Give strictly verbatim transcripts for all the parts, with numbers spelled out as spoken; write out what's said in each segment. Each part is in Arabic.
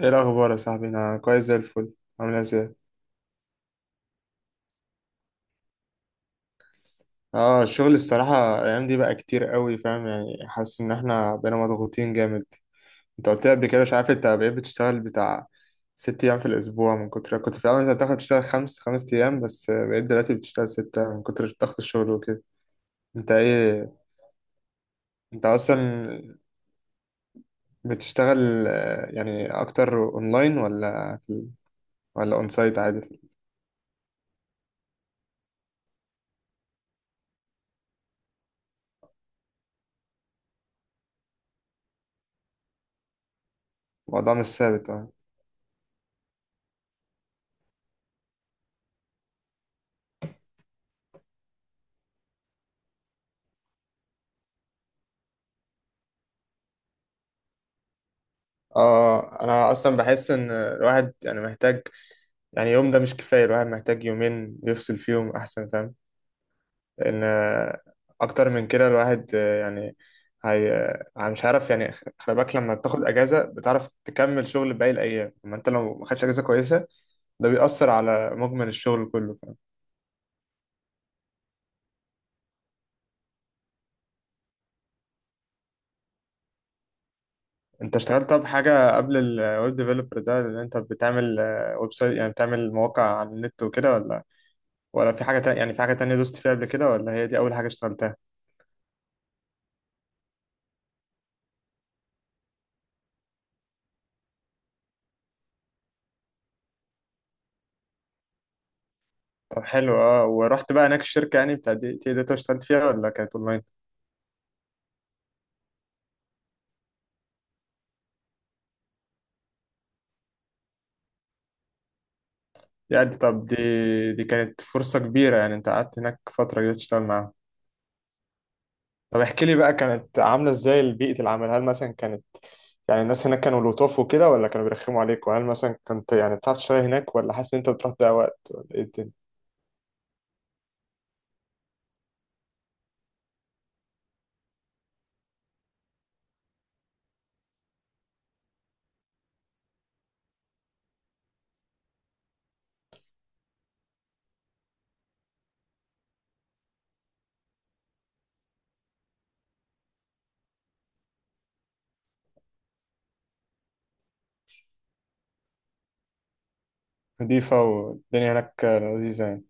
ايه الاخبار يا صاحبي، انا كويس زي الفل. عامل ازاي؟ اه، الشغل الصراحه الايام دي بقى كتير قوي، فاهم يعني، حاسس ان احنا بقينا مضغوطين جامد. انت قلت لي قبل كده، مش عارف، انت بقيت بتشتغل بتاع ست ايام في الاسبوع من كتر، كنت في الاول انت بتاخد تشتغل خمس خمس ايام بس بقيت دلوقتي بتشتغل سته من كتر ضغط الشغل وكده. انت ايه؟ انت اصلا بتشتغل آه، يعني اكتر اونلاين ولا في، ولا اون سايت عادي؟ الموضوع مش ثابت، اه. اه، انا اصلا بحس ان الواحد يعني محتاج، يعني يوم ده مش كفاية، الواحد محتاج يومين يفصل فيهم أحسن، فاهم؟ لأن آه، أكتر من كده الواحد آه، يعني، هي آه، مش عارف يعني، خ- خلي بالك لما بتاخد أجازة بتعرف تكمل شغل باقي الأيام، أما أنت لو ما خدتش أجازة كويسة ده بيأثر على مجمل الشغل كله، فاهم؟ أنت اشتغلت طب حاجة قبل الويب ديفلوبر ده اللي أنت بتعمل؟ ويب سايت يعني بتعمل مواقع على النت وكده، ولا، ولا في حاجة تانية؟ يعني في حاجة تانية دوست فيها قبل كده، ولا هي دي أول حاجة اشتغلتها؟ طب حلو، اه، ورحت بقى هناك الشركة يعني بتاع دي تي داتا، اشتغلت فيها ولا كانت اونلاين؟ يعني طب دي دي كانت فرصة كبيرة يعني، انت قعدت هناك فترة كده تشتغل معاهم. طب احكي لي بقى، كانت عاملة ازاي بيئة العمل؟ هل مثلا كانت يعني الناس هناك كانوا لطاف وكده، ولا كانوا بيرخموا عليك؟ وهل مثلا كنت يعني بتعرف تشتغل هناك، ولا حاسس ان انت بتروح تضيع وقت، ولا ايه الدنيا؟ نضيفة والدنيا هناك لذيذة يعني.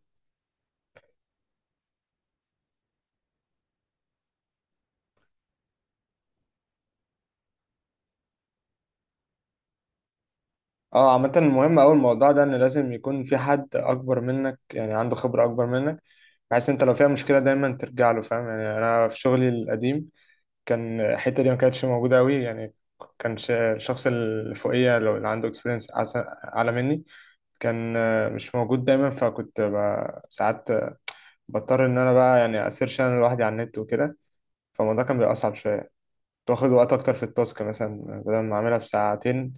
اه، عامة المهم أوي الموضوع ده، إن لازم يكون في حد أكبر منك يعني، عنده خبرة أكبر منك، بحيث أنت لو فيها مشكلة دايما ترجع له، فاهم يعني؟ أنا في شغلي القديم كان الحتة دي ما كانتش موجودة أوي يعني. كان ش- الشخص اللي فوقيا، لو اللي عنده اكسبيرينس أعلى مني، كان آه، مش موجود دايما، فكنت ب- ساعات بضطر إن أنا بقى يعني أسيرش أنا لوحدي على النت وكده، فالموضوع كان بيبقى أصعب شوية. كنت واخد وقت أكتر في التاسك، مثلا بدل ما أعملها في ساعتين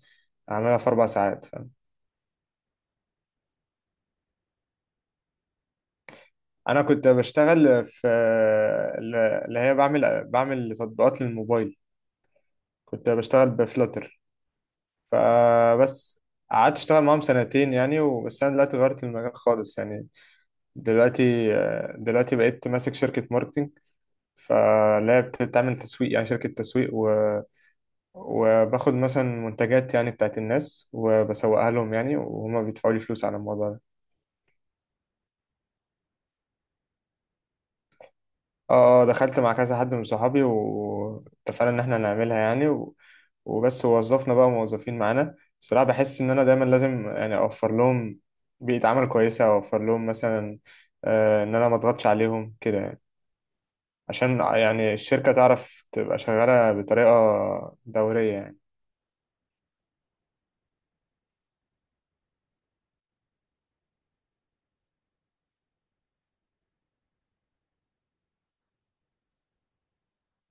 أعملها في أربع ساعات. انا كنت بشتغل في، اللي هي بعمل بعمل تطبيقات للموبايل، كنت بشتغل بفلاتر، فبس. قعدت اشتغل معاهم سنتين يعني وبس، انا دلوقتي غيرت المجال خالص يعني. دلوقتي دلوقتي بقيت ماسك شركة ماركتينج، فاللي هي بتعمل تسويق يعني شركة تسويق، و، وباخد مثلا منتجات يعني بتاعت الناس وبسوقها لهم يعني، وهما بيدفعوا لي فلوس على الموضوع ده. اه، آه، دخلت مع كذا حد من صحابي واتفقنا ان احنا نعملها يعني، و، وبس وظفنا بقى موظفين معانا. الصراحة بحس ان انا دايما لازم يعني اوفر لهم بيئة عمل كويسة، اوفر لهم مثلا آه ان انا ما اضغطش عليهم كده يعني، عشان يعني الشركة تعرف تبقى شغالة بطريقة دورية يعني.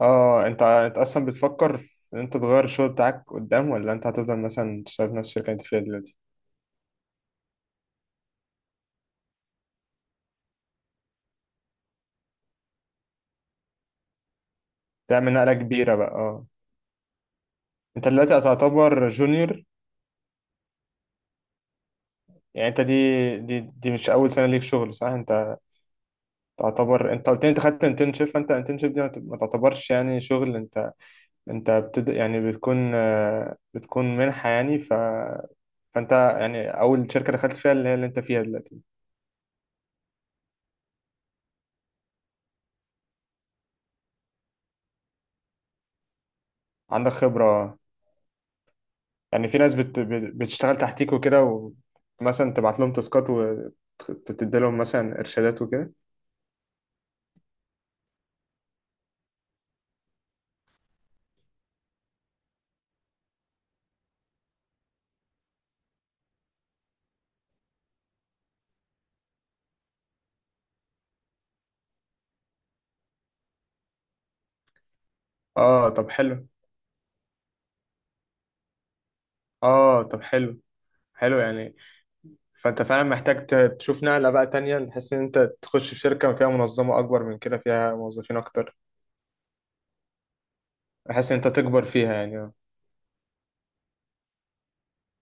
اه، انت انت اصلا بتفكر في ان انت تغير الشغل بتاعك قدام، ولا انت هتفضل مثلا تشتغل في نفس الشركة اللي انت فيها دلوقتي؟ تعمل نقلة كبيرة بقى، اه. انت دلوقتي هتعتبر جونيور؟ يعني انت دي دي دي مش اول سنه ليك شغل، صح؟ انت تعتبر، انت قلت لي انت خدت انترنشيب، فانت انترنشيب دي ما ت- ما تعتبرش يعني شغل. انت انت بتد... يعني بتكون آه، بتكون منحه يعني، ف، فانت يعني اول شركه دخلت فيها اللي هي اللي انت فيها دلوقتي. عندك خبره يعني. في ناس بت... بت- بتشتغل تحتيك وكده، ومثلا تبعت لهم تاسكات، وتدي لهم مثلا ارشادات وكده. اه طب حلو. اه طب حلو، حلو يعني. فانت فعلا محتاج ت- تشوف نقله بقى تانية، بحيث ان انت تخش في شركه فيها منظمه اكبر من كده، فيها موظفين اكتر، بحيث ان انت تكبر فيها يعني، آه.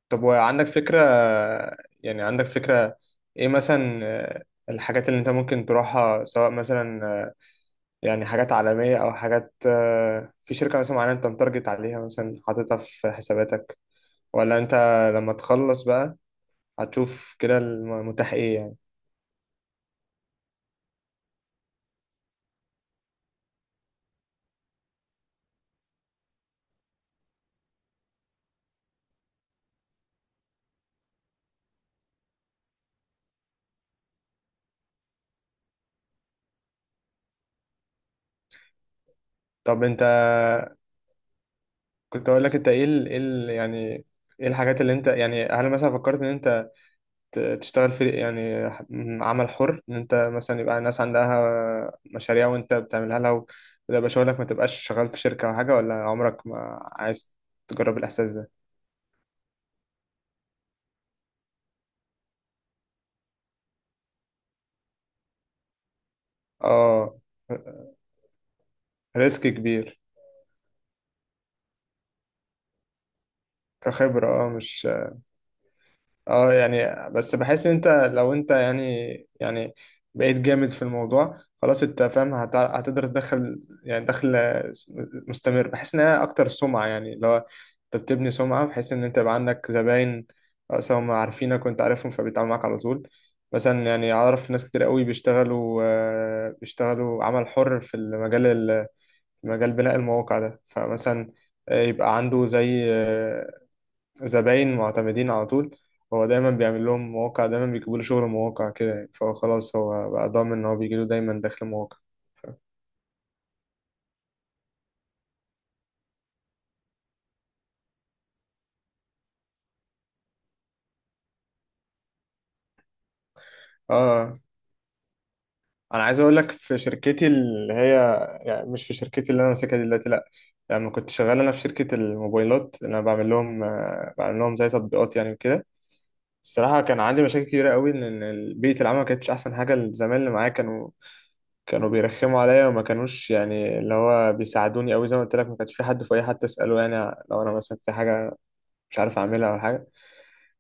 طب وعندك فكره، يعني عندك فكره، ايه مثلا آه، الحاجات اللي انت ممكن تروحها؟ سواء مثلا آه، يعني حاجات عالميه او حاجات آه، في شركه مثلا معينه انت متارجت عليها مثلا حاططها في حساباتك، ولا انت لما تخلص بقى هتشوف كده المتاح ايه يعني؟ طب انت، كنت اقول لك انت ايه ال، إيه ال، يعني ايه الحاجات اللي انت يعني، هل مثلا فكرت ان انت ت- تشتغل في يعني ح- م- عمل حر؟ ان انت مثلا يبقى الناس عندها مشاريع وانت بتعملها لها وده شغلك، ما تبقاش شغال في شركة او حاجة، ولا عمرك ما عايز تجرب الاحساس ده؟ اه، ريسك كبير. كخبرة، اه، مش، اه يعني، بس بحس ان انت لو انت يعني، يعني بقيت جامد في الموضوع خلاص انت فاهم، هت- هتقدر تدخل يعني دخل مستمر. بحس انها اكتر سمعة يعني، لو انت بتبني سمعة بحيث ان انت يبقى عندك زباين، آه، سواء هم عارفينك وانت عارفهم فبيتعاملوا معاك على طول. مثلا يعني اعرف ناس كتير قوي بيشتغلوا، آه، بيشتغلوا عمل حر في المجال ال- مجال بناء المواقع ده، فمثلا آه، يبقى عنده زي آه، زباين معتمدين على طول، هو دايما بيعمل لهم مواقع، دايما بيجيبوا له شغل مواقع كده يعني، فهو خلاص هو بقى ضامن ان هو بيجي له دايما دخل مواقع. اه، آه. انا عايز اقول لك في شركتي اللي هي، يعني مش في شركتي اللي انا ماسكها دلوقتي لا، يعني لما كنت شغال انا في شركة الموبايلات اللي انا بعمل لهم، آه، بعمل لهم زي تطبيقات يعني وكده، الصراحة كان عندي مشاكل كبيرة قوي، لأن بيئة العمل ما كانتش أحسن حاجة، الزمايل اللي معايا كانوا، كانوا بيرخموا عليا وما كانوش يعني اللي هو بيساعدوني قوي، زي ما قلت لك ما كانش في حد، في اي حد اساله يعني لو انا مثلا في حاجه مش عارف اعملها او حاجه.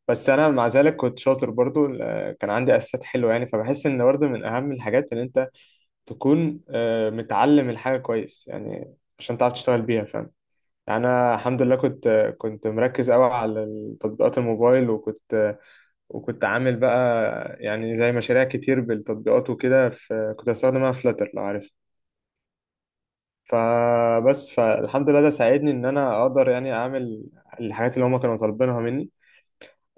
بس انا مع ذلك كنت شاطر برضو، آه، كان عندي اساسات حلوه يعني، فبحس ان برضو من اهم الحاجات ان انت تكون آه، متعلم الحاجه كويس يعني عشان تعرف تشتغل بيها، فاهم يعني؟ انا الحمد لله كنت، آه، كنت مركز قوي على تطبيقات الموبايل، وكنت آه، وكنت عامل بقى يعني زي مشاريع كتير بالتطبيقات وكده، في كنت بستخدمها فلاتر لو عارف، فبس، فالحمد لله ده ساعدني ان انا اقدر يعني اعمل الحاجات اللي هما كانوا طالبينها مني.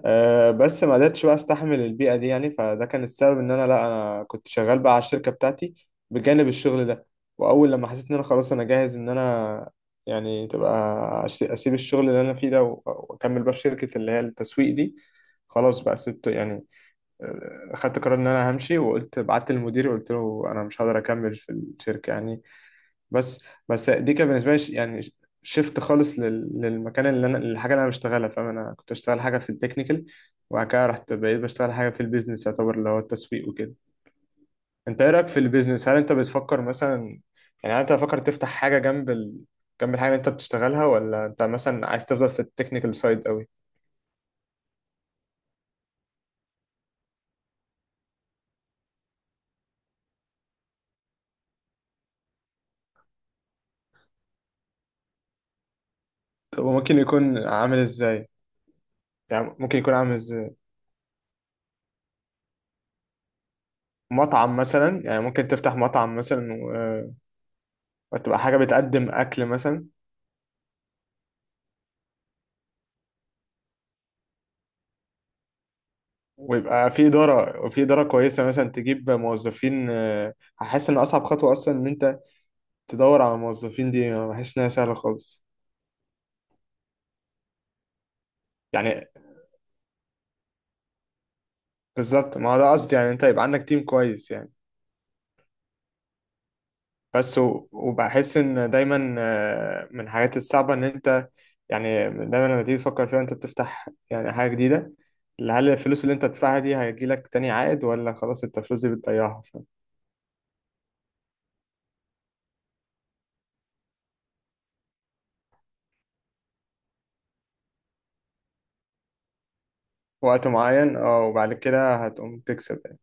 أه بس ما قدرتش بقى استحمل البيئة دي يعني، فده كان السبب ان انا، لا، انا كنت شغال بقى على الشركة بتاعتي بجانب الشغل ده، واول لما حسيت ان انا خلاص انا جاهز ان انا يعني تبقى، أش- اسيب الشغل اللي انا فيه ده و- واكمل بقى في شركة اللي هي التسويق دي، خلاص بقى سبت يعني، آه، خدت قرار ان انا همشي، وقلت، بعت للمدير وقلت له انا مش هقدر اكمل في الشركة يعني. بس، بس دي كان بالنسبه لي ش- يعني شفت خالص لل- للمكان اللي انا، للحاجه اللي انا بشتغلها، فاهم؟ انا كنت بشتغل حاجه في التكنيكال، وبعد كده رحت بقيت بشتغل حاجه في البيزنس يعتبر اللي هو التسويق وكده. انت ايه رايك في البيزنس؟ هل انت بتفكر مثلا يعني انت بتفكر تفتح حاجه جنب ال، جنب الحاجه اللي انت بتشتغلها، ولا انت مثلا عايز تفضل في التكنيكال سايد قوي؟ طب وممكن يكون عامل ازاي؟ يعني ممكن يكون عامل ازاي؟ مطعم مثلا يعني، ممكن تفتح مطعم مثلا و، وتبقى حاجه بتقدم اكل مثلا، ويبقى في إدارة، في إدارة كويسة، مثلا تجيب موظفين، آه، هحس إن أصعب خطوة أصلا إن أنت تدور على الموظفين دي، أنا بحس إنها سهلة خالص يعني. بالظبط ما هو ده قصدي يعني، أنت يبقى عندك تيم كويس يعني. بس و- وبحس إن دايما، آه، من الحاجات الصعبة إن أنت يعني دايما لما تيجي تفكر فيها أنت بتفتح يعني حاجة جديدة، هل الفلوس اللي أنت هتدفعها دي هيجيلك تاني عائد، ولا خلاص أنت الفلوس دي بتضيعها في وقت معين، أه وبعد كده هتقوم تكسب يعني.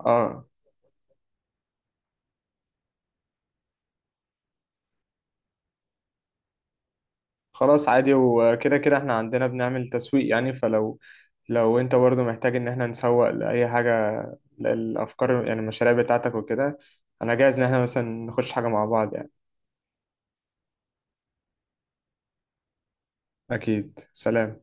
اه، خلاص عادي، وكده كده احنا عندنا بنعمل تسويق يعني، فلو، لو انت برضو محتاج ان احنا نسوق لأي حاجة، للأفكار يعني، المشاريع بتاعتك وكده، انا جاهز ان احنا مثلا نخش حاجة مع بعض يعني. اكيد، سلام.